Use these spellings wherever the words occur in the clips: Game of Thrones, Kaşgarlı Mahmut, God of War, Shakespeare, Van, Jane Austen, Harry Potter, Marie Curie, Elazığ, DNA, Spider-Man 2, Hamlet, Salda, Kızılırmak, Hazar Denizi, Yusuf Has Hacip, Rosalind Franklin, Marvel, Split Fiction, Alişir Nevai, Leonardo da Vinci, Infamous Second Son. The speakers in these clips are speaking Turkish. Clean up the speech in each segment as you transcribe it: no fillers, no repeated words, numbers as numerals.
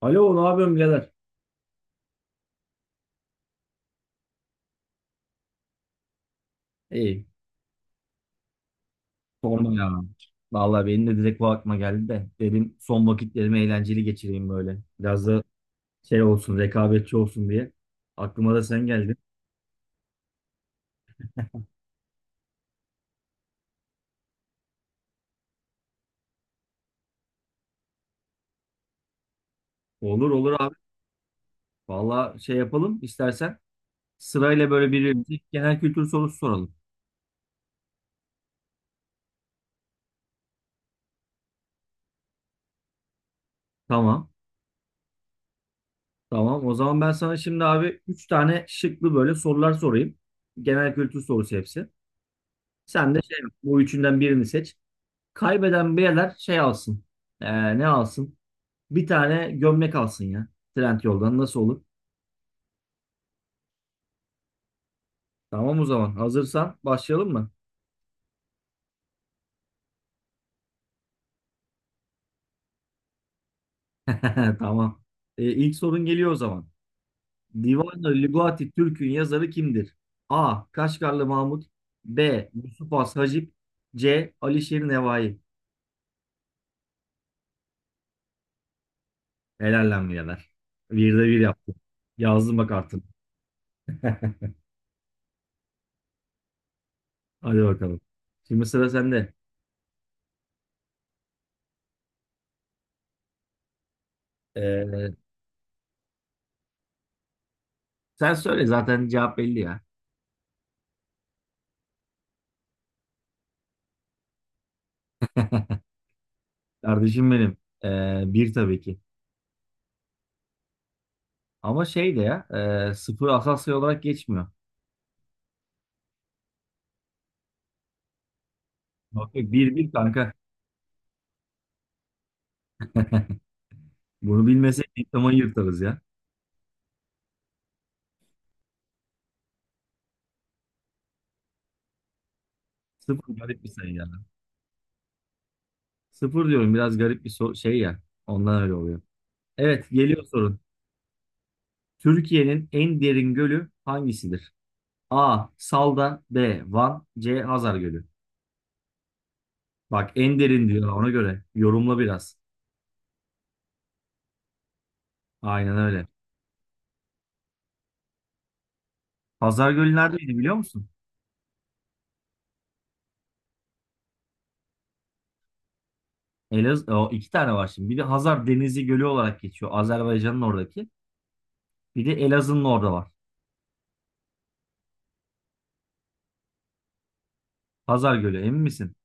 Alo, ne yapıyorsun birader? İyi. Sorma ya. Vallahi benim de direkt bu aklıma geldi de. Dedim son vakitlerimi eğlenceli geçireyim böyle. Biraz da şey olsun, rekabetçi olsun diye. Aklıma da sen geldin. Olur olur abi. Vallahi şey yapalım istersen. Sırayla böyle birbirimize genel kültür sorusu soralım. Tamam. Tamam. O zaman ben sana şimdi abi 3 tane şıklı böyle sorular sorayım. Genel kültür sorusu hepsi. Sen de şey yap, bu üçünden birini seç. Kaybeden birader şey alsın. Ne alsın? Bir tane gömlek alsın ya. Trendyol'dan nasıl olur? Tamam o zaman. Hazırsan başlayalım mı? Tamam. E, ilk sorun geliyor o zaman. Divan-ı Lügati Türk'ün yazarı kimdir? A. Kaşgarlı Mahmut, B. Yusuf Has Hacip, C. Alişir Nevai. Helal lan birader. Bir de bir yaptım. Yazdım bak artık. Hadi bakalım. Şimdi sıra sende. Ee, sen söyle zaten cevap belli ya. Kardeşim benim. Bir tabii ki. Ama şey de ya, sıfır Asasya olarak geçmiyor. Bak bak, bir bir kanka. Bunu bilmesek diplomayı yırtarız ya. Sıfır garip bir sayı yani. Sıfır diyorum biraz garip bir şey ya. Ondan öyle oluyor. Evet, geliyor sorun. Türkiye'nin en derin gölü hangisidir? A. Salda, B. Van, C. Hazar Gölü. Bak en derin diyor, ona göre yorumla biraz. Aynen öyle. Hazar Gölü neredeydi biliyor musun? O iki tane var şimdi. Bir de Hazar Denizi Gölü olarak geçiyor, Azerbaycan'ın oradaki. Bir de Elazığ'ın orada var. Hazar Gölü, emin misin?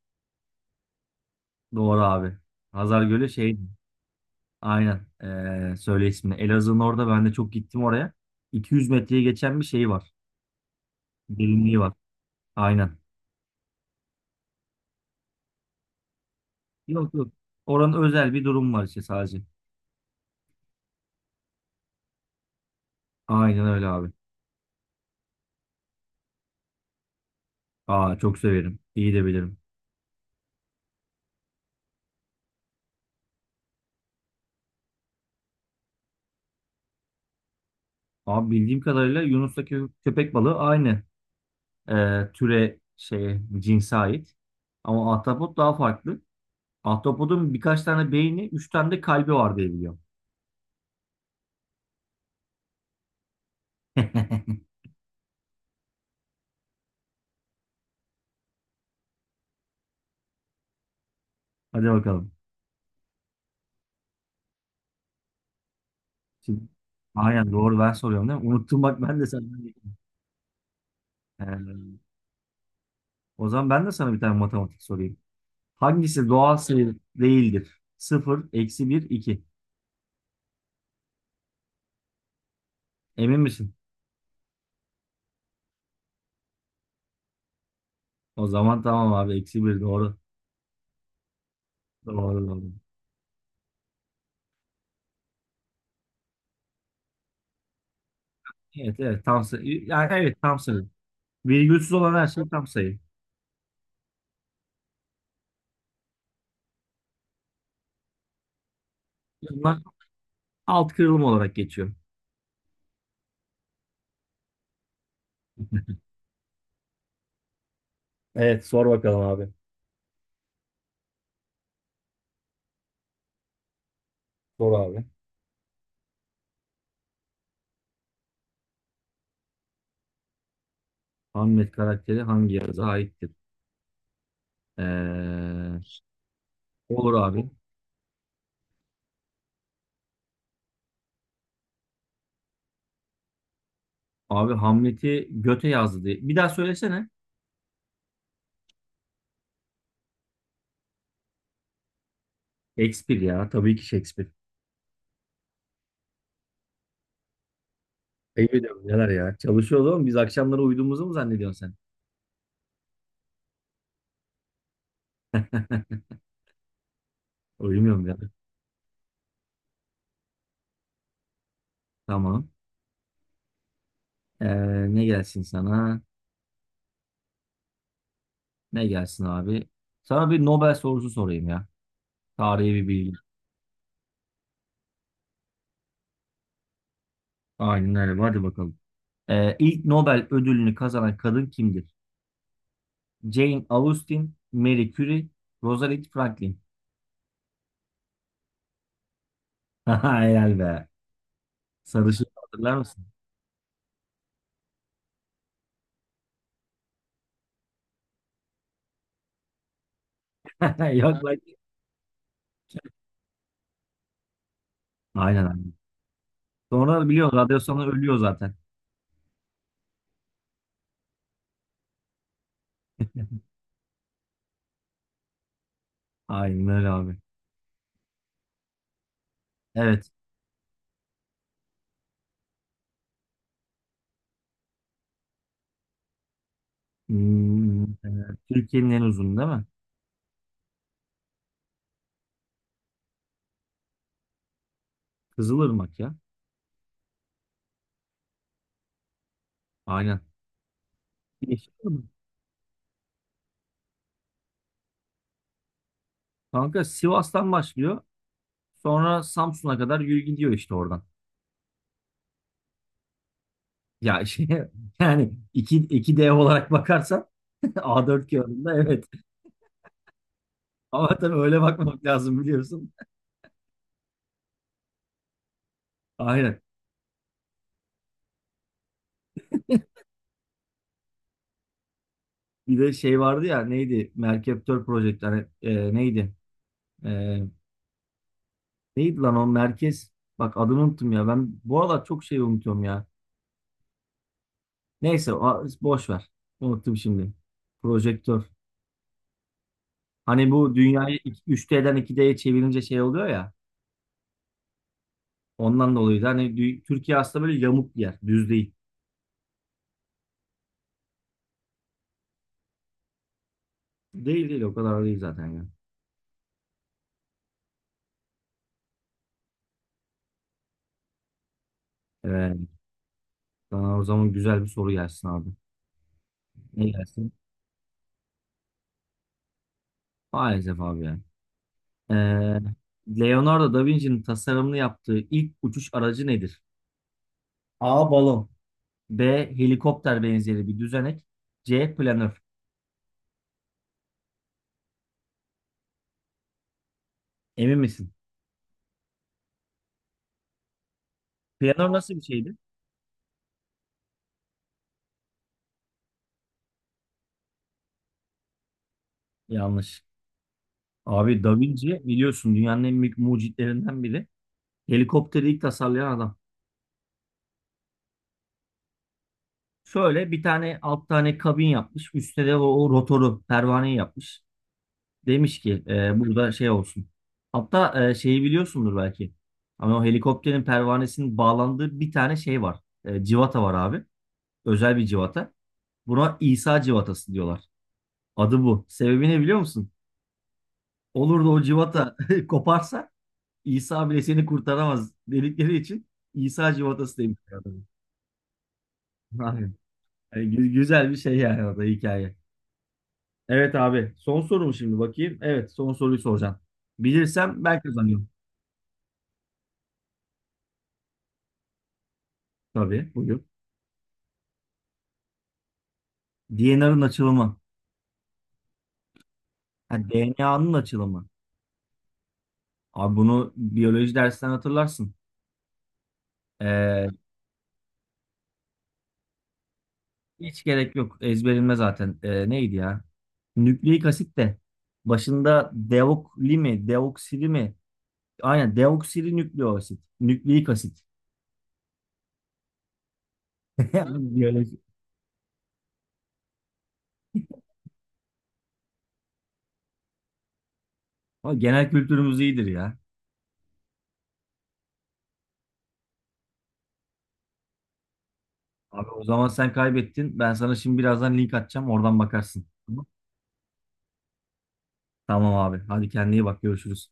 Doğru abi. Hazar Gölü. Aynen. Söyle ismini. Elazığ'ın orada, ben de çok gittim oraya. 200 metreye geçen bir şey var. Derinliği var. Aynen. Yok yok. Oranın özel bir durum var işte sadece. Aynen öyle abi. Aa, çok severim. İyi de bilirim. Abi, bildiğim kadarıyla Yunus'taki köpek balığı aynı türe, şeye, cinse ait. Ama ahtapot daha farklı. Ahtapotun birkaç tane beyni, üç tane de kalbi var diye biliyorum. Hadi bakalım. Şimdi- Aynen, doğru, ben soruyorum değil mi? Unuttum bak ben de senden. Ee, o zaman ben de sana bir tane matematik sorayım. Hangisi doğal sayı değildir? 0, eksi 1, 2. Emin misin? O zaman tamam abi, eksi 1 doğru. Doğru doğru. Evet evet, tam sayı. Yani evet, tam sayı. Virgülsüz olan her şey tam sayı. Bunlar alt kırılım olarak geçiyor. Evet, sor bakalım abi. Sor abi. Hamlet karakteri hangi yazıya aittir? Ee, olur abi. Abi Hamlet'i göte yazdı diye? Bir daha söylesene. Shakespeare ya. Tabii ki Shakespeare. Ayıp ediyorum neler ya. Çalışıyoruz ama, biz akşamları uyuduğumuzu mu zannediyorsun sen? Uyumuyorum ya. Tamam. Ne gelsin sana? Ne gelsin abi? Sana bir Nobel sorusu sorayım ya. Tarihi bir bilgi. Aynen öyle. Hadi bakalım. İlk Nobel ödülünü kazanan kadın kimdir? Jane Austen, Marie Curie, Rosalind Franklin. Helal be. Sarışın, hatırlar mısın? Yok, ha, lan. Aynen abi. Sonra biliyor, radyasyonla ölüyor zaten. Aynen öyle abi. Evet. Hmm, e, Türkiye'nin en uzun, değil mi? Kızılırmak ya. Aynen. Yeşil mi? Kanka Sivas'tan başlıyor. Sonra Samsun'a kadar yürü gidiyor işte oradan. Ya şey, yani iki dev olarak bakarsan, A4 kağıdında evet. Ama tabii öyle bakmamak lazım, biliyorsun. Aynen. Bir de şey vardı ya, neydi? Merkeptör Project, hani, neydi? E, Neydi lan o merkez? Bak, adını unuttum ya. Ben bu aralar çok şey unutuyorum ya. Neyse, boş ver. Unuttum şimdi. Projektör. Hani bu dünyayı 3D'den 2D'ye çevirince şey oluyor ya. Ondan dolayı da hani Türkiye aslında böyle yamuk bir yer, düz değil. Değil değil, o kadar değil zaten ya. Evet. Sana o zaman güzel bir soru gelsin abi. Ne gelsin? Maalesef abi yani. Ee, Leonardo da Vinci'nin tasarımını yaptığı ilk uçuş aracı nedir? A. Balon. B. Helikopter benzeri bir düzenek. C. Planör. Emin misin? Planör nasıl bir şeydi? Yanlış. Abi, Da Vinci biliyorsun, dünyanın en büyük mucitlerinden biri. Helikopteri ilk tasarlayan adam. Şöyle bir tane alt tane kabin yapmış. Üstte de o rotoru, pervaneyi yapmış. Demiş ki burada şey olsun. Hatta şeyi biliyorsundur belki. Ama o helikopterin pervanesinin bağlandığı bir tane şey var. Civata var abi. Özel bir civata. Buna İsa civatası diyorlar. Adı bu. Sebebi ne biliyor musun? Olur da o civata koparsa, İsa bile seni kurtaramaz dedikleri için İsa civatası demişler adamı. Aynen. Yani güzel bir şey yani o hikaye. Evet abi. Son soru mu şimdi, bakayım? Evet, son soruyu soracağım. Bilirsem ben kazanıyorum. Tabii, buyur. DNA'nın açılımı. Ha, DNA'nın açılımı. Abi bunu biyoloji dersinden hatırlarsın. Ee, Hiç gerek yok. Ezberilme zaten. Neydi ya? Nükleik asit de. Başında deokli mi? Deoksili mi? Aynen, deoksili nükleik asit. Nükleik asit. Yani biyoloji. Ama genel kültürümüz iyidir ya. Abi, o zaman sen kaybettin. Ben sana şimdi birazdan link atacağım, oradan bakarsın. Tamam. Tamam abi. Hadi, kendine iyi bak. Görüşürüz.